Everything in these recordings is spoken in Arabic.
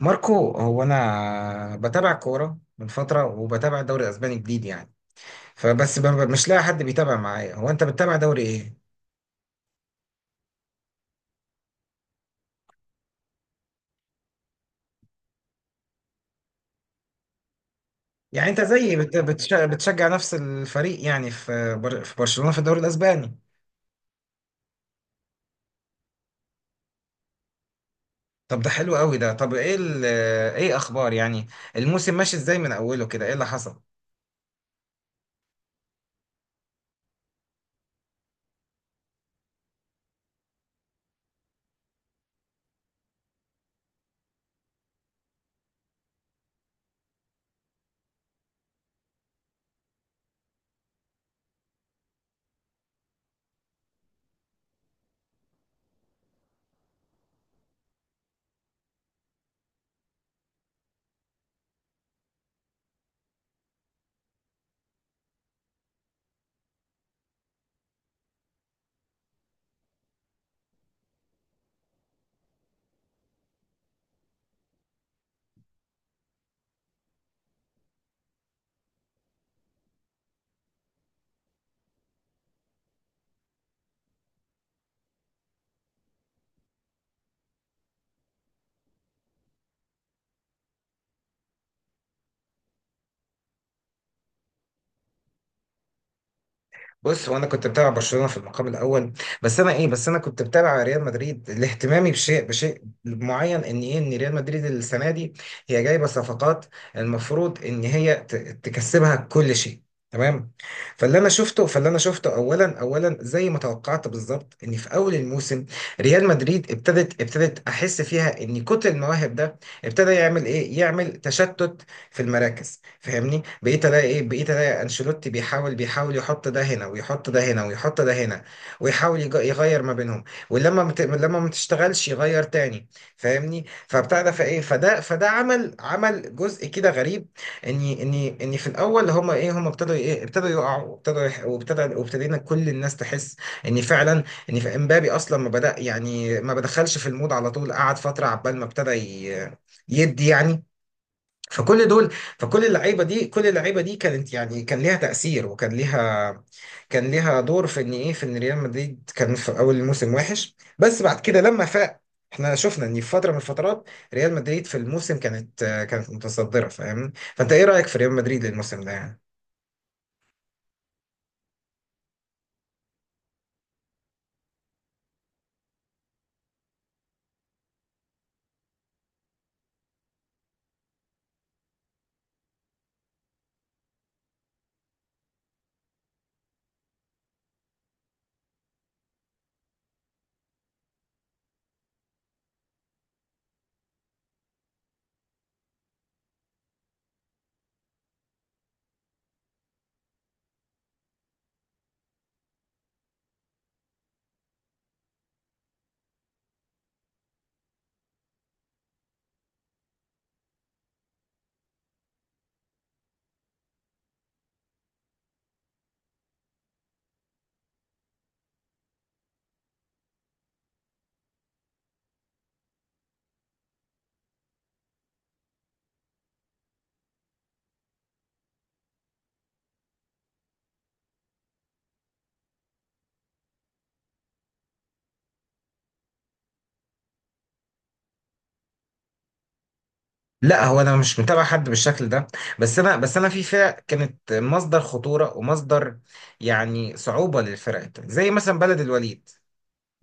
ماركو، هو انا بتابع كوره من فتره وبتابع الدوري الاسباني جديد يعني. فبس مش لاقي حد بيتابع معايا. هو انت بتتابع دوري ايه؟ يعني انت زيي بتشجع نفس الفريق يعني، في في برشلونه في الدوري الاسباني. طب ده حلو قوي. ده طب ايه ايه اخبار يعني، الموسم ماشي ازاي من اوله كده؟ ايه اللي حصل؟ بص، هو انا كنت بتابع برشلونه في المقام الاول، بس انا كنت بتابع ريال مدريد لاهتمامي بشيء معين، ان ايه، ان ريال مدريد السنه دي هي جايبه صفقات المفروض ان هي تكسبها كل شيء، تمام؟ فاللي انا شفته اولا، زي ما توقعت بالظبط، ان في اول الموسم ريال مدريد ابتدت احس فيها ان كتر المواهب ده ابتدى يعمل ايه، يعمل تشتت في المراكز. فاهمني؟ بقيت الاقي ايه، بقيت الاقي انشيلوتي بيحاول يحط ده هنا ويحط ده هنا ويحط ده هنا، ويحاول يغير ما بينهم، ولما لما ما تشتغلش يغير تاني. فاهمني؟ فبتاع ده، فايه، فده عمل، عمل جزء كده غريب. اني في الاول هما ايه، هما ابتدوا ايه، ابتدوا يقعوا وابتدوا وابتدينا كل الناس تحس ان فعلا، ان في امبابي اصلا ما بدأ يعني، ما بدخلش في المود على طول، قعد فترة عبال ما ابتدى يدي يعني. فكل دول، فكل اللعيبه دي كانت يعني، كان ليها تاثير، وكان ليها، كان ليها دور في ان ايه، في ان ريال مدريد كان في اول الموسم وحش، بس بعد كده لما فاق احنا شفنا ان في فتره من الفترات ريال مدريد في الموسم كانت متصدره. فاهمني؟ فانت ايه رايك في ريال مدريد الموسم ده يعني؟ لا، هو انا مش متابع حد بالشكل ده، بس انا فيفا كانت مصدر خطوره ومصدر، يعني، صعوبه للفرق التانية. زي مثلا بلد الوليد،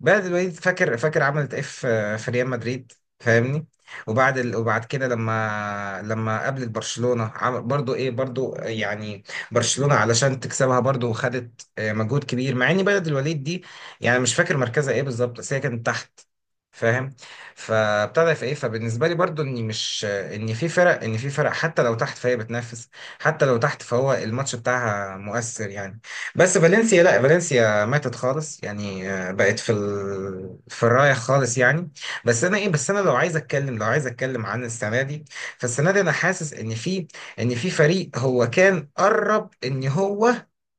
بعد الوليد، فاكر عملت ايه في في ريال مدريد؟ فاهمني؟ وبعد كده لما قابلت برشلونة عمل برضو ايه، برضو يعني برشلونة علشان تكسبها برضو خدت مجهود كبير، مع ان بلد الوليد دي يعني مش فاكر مركزها ايه بالظبط، بس هي كانت تحت، فاهم؟ فابتدى في ايه، فبالنسبه لي برضو، اني مش ان في فرق، ان في فرق حتى لو تحت فهي بتنافس، حتى لو تحت فهو الماتش بتاعها مؤثر يعني. بس فالنسيا لا، فالنسيا ماتت خالص يعني، بقت في في الرايح خالص يعني. بس انا لو عايز اتكلم، لو عايز اتكلم عن السنه دي، فالسنه دي انا حاسس ان في، ان في فريق هو كان قرب ان هو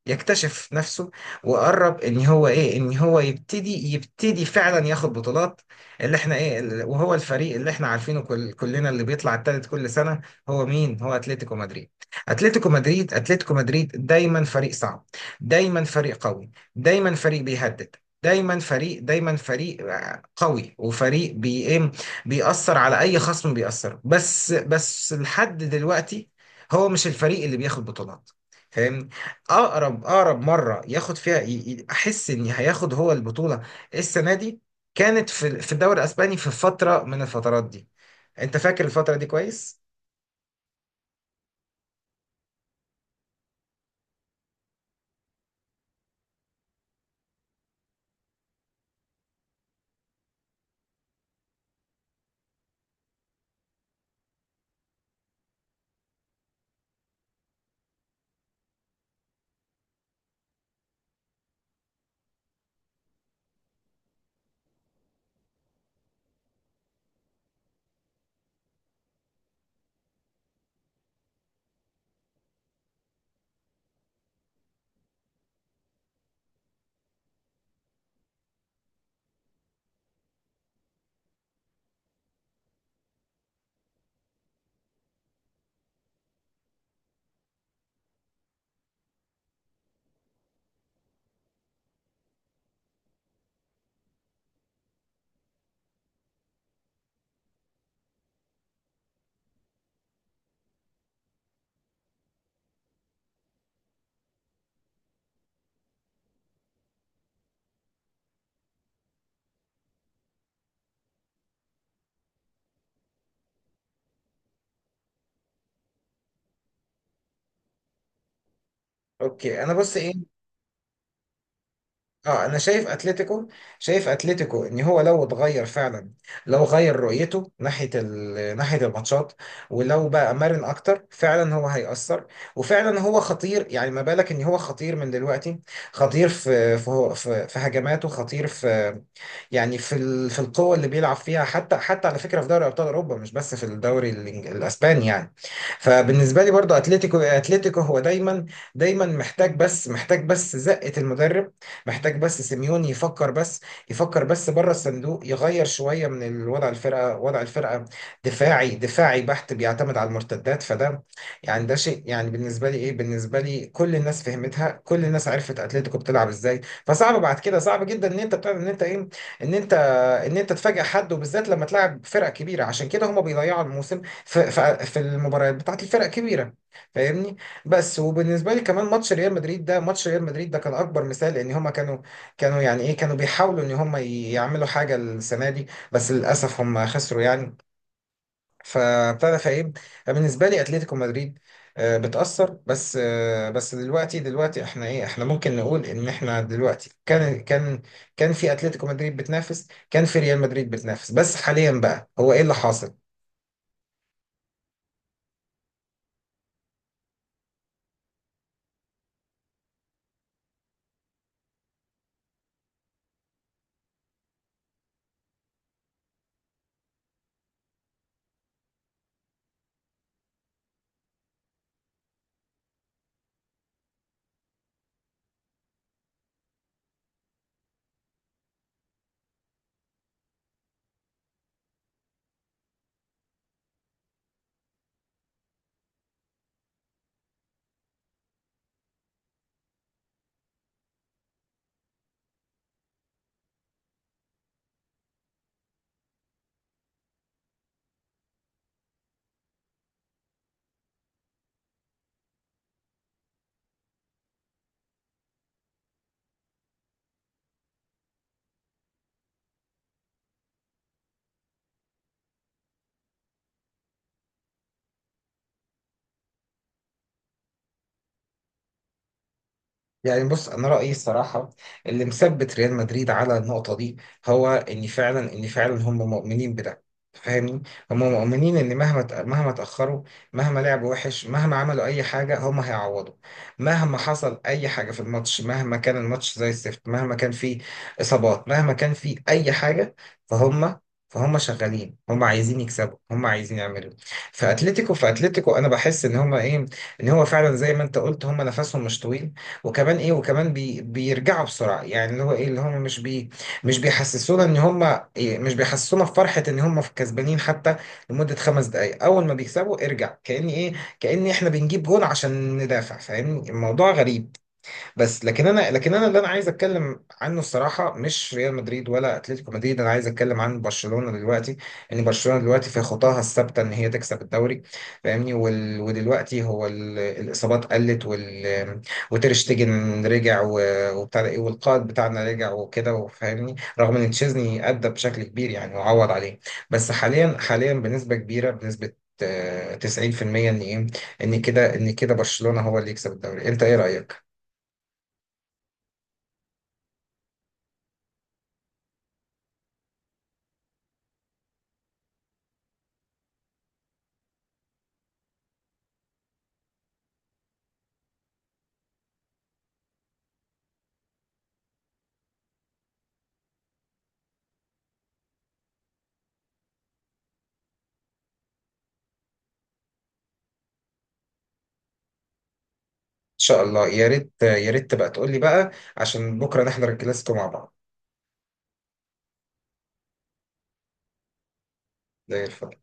يكتشف نفسه، وقرب ان هو ايه، ان هو يبتدي فعلا ياخد بطولات، اللي احنا ايه وهو الفريق اللي احنا عارفينه كل كلنا، اللي بيطلع التالت كل سنه. هو مين؟ هو اتلتيكو مدريد. اتلتيكو مدريد دايما فريق صعب، دايما فريق قوي، دايما فريق بيهدد، دايما فريق قوي، وفريق بي إيه؟ بيأثر على اي خصم. بيأثر، بس لحد دلوقتي هو مش الفريق اللي بياخد بطولات. فاهمني؟ اقرب مره ياخد فيها احس ان هياخد هو البطوله السنه دي، كانت في في الدوري الاسباني في فتره من الفترات دي. انت فاكر الفتره دي كويس؟ اوكي، انا بص ايه. اه، انا شايف اتلتيكو، شايف اتلتيكو ان هو لو اتغير فعلا، لو غير رؤيته ناحيه ناحيه الماتشات، ولو بقى مرن اكتر، فعلا هو هيأثر، وفعلا هو خطير يعني. ما بالك ان هو خطير من دلوقتي؟ خطير في في هجماته، خطير في، يعني في في القوه اللي بيلعب فيها، حتى، حتى على فكره في دوري ابطال اوروبا، مش بس في الدوري الاسباني يعني. فبالنسبه لي برضو، اتلتيكو هو دايما، دايما محتاج، بس زقه المدرب، محتاج بس سيميوني يفكر بس، يفكر بس بره الصندوق، يغير شويه من الوضع الفرقه، وضع الفرقه، دفاعي بحت بيعتمد على المرتدات، فده يعني ده شيء. يعني بالنسبه لي ايه، بالنسبه لي كل الناس فهمتها، كل الناس عرفت اتلتيكو بتلعب ازاي. فصعب بعد كده، صعب جدا ان انت بتعمل، ان انت ايه، ان انت ان انت تفاجئ حد، وبالذات لما تلعب فرق كبيره. عشان كده هما بيضيعوا الموسم في في المباريات بتاعت الفرق الكبيره. فاهمني؟ بس وبالنسبه لي كمان ماتش ريال مدريد، ده ماتش ريال مدريد ده كان اكبر مثال، لان هما كانوا يعني ايه، كانوا بيحاولوا ان هما يعملوا حاجه السنه دي، بس للاسف هما خسروا يعني. فابتدى فايه، بالنسبه لي اتلتيكو مدريد بتاثر بس، بس دلوقتي احنا ايه، احنا ممكن نقول ان احنا دلوقتي، كان كان في اتلتيكو مدريد بتنافس، كان في ريال مدريد بتنافس، بس حاليا بقى هو ايه اللي حاصل؟ يعني بص، انا رايي الصراحه اللي مثبت ريال مدريد على النقطه دي هو ان فعلا، ان فعلا هم مؤمنين بده. فاهمني؟ هم مؤمنين ان مهما مهما تاخروا، مهما لعبوا وحش، مهما عملوا اي حاجه، هم هيعوضوا. مهما حصل اي حاجه في الماتش، مهما كان الماتش زي الزفت، مهما كان فيه اصابات، مهما كان فيه اي حاجه، فهم فهم شغالين، هم عايزين يكسبوا، هم عايزين يعملوا. في اتلتيكو، في اتلتيكو انا بحس ان هم ايه، ان هو فعلا زي ما انت قلت هم نفسهم مش طويل، وكمان ايه، وكمان بيرجعوا بسرعه يعني، اللي هو ايه، اللي هم مش بيحسسونا ان هم إيه، مش بيحسسونا بفرحه ان هم كسبانين حتى لمده خمس دقائق. اول ما بيكسبوا ارجع كاني ايه، كاني احنا بنجيب جون عشان ندافع. فاهمني؟ الموضوع غريب. بس لكن انا اللي انا عايز اتكلم عنه الصراحه مش ريال مدريد ولا اتلتيكو مدريد، انا عايز اتكلم عن برشلونه دلوقتي، ان برشلونه دلوقتي في خطاها الثابته ان هي تكسب الدوري. فاهمني؟ ودلوقتي هو الاصابات قلت، وتير شتيجن رجع وبتاع ده ايه، والقائد بتاعنا رجع وكده، وفاهمني، رغم ان تشيزني ادى بشكل كبير يعني وعوض عليه. بس حاليا بنسبه كبيره، بنسبه 90% ان ايه، ان كده برشلونه هو اللي يكسب الدوري. انت ايه رايك؟ ان شاء الله، يا ريت، يا ريت تبقى تقول لي بقى، عشان بكره نحضر الكلاسيكو مع بعض. زي الفل.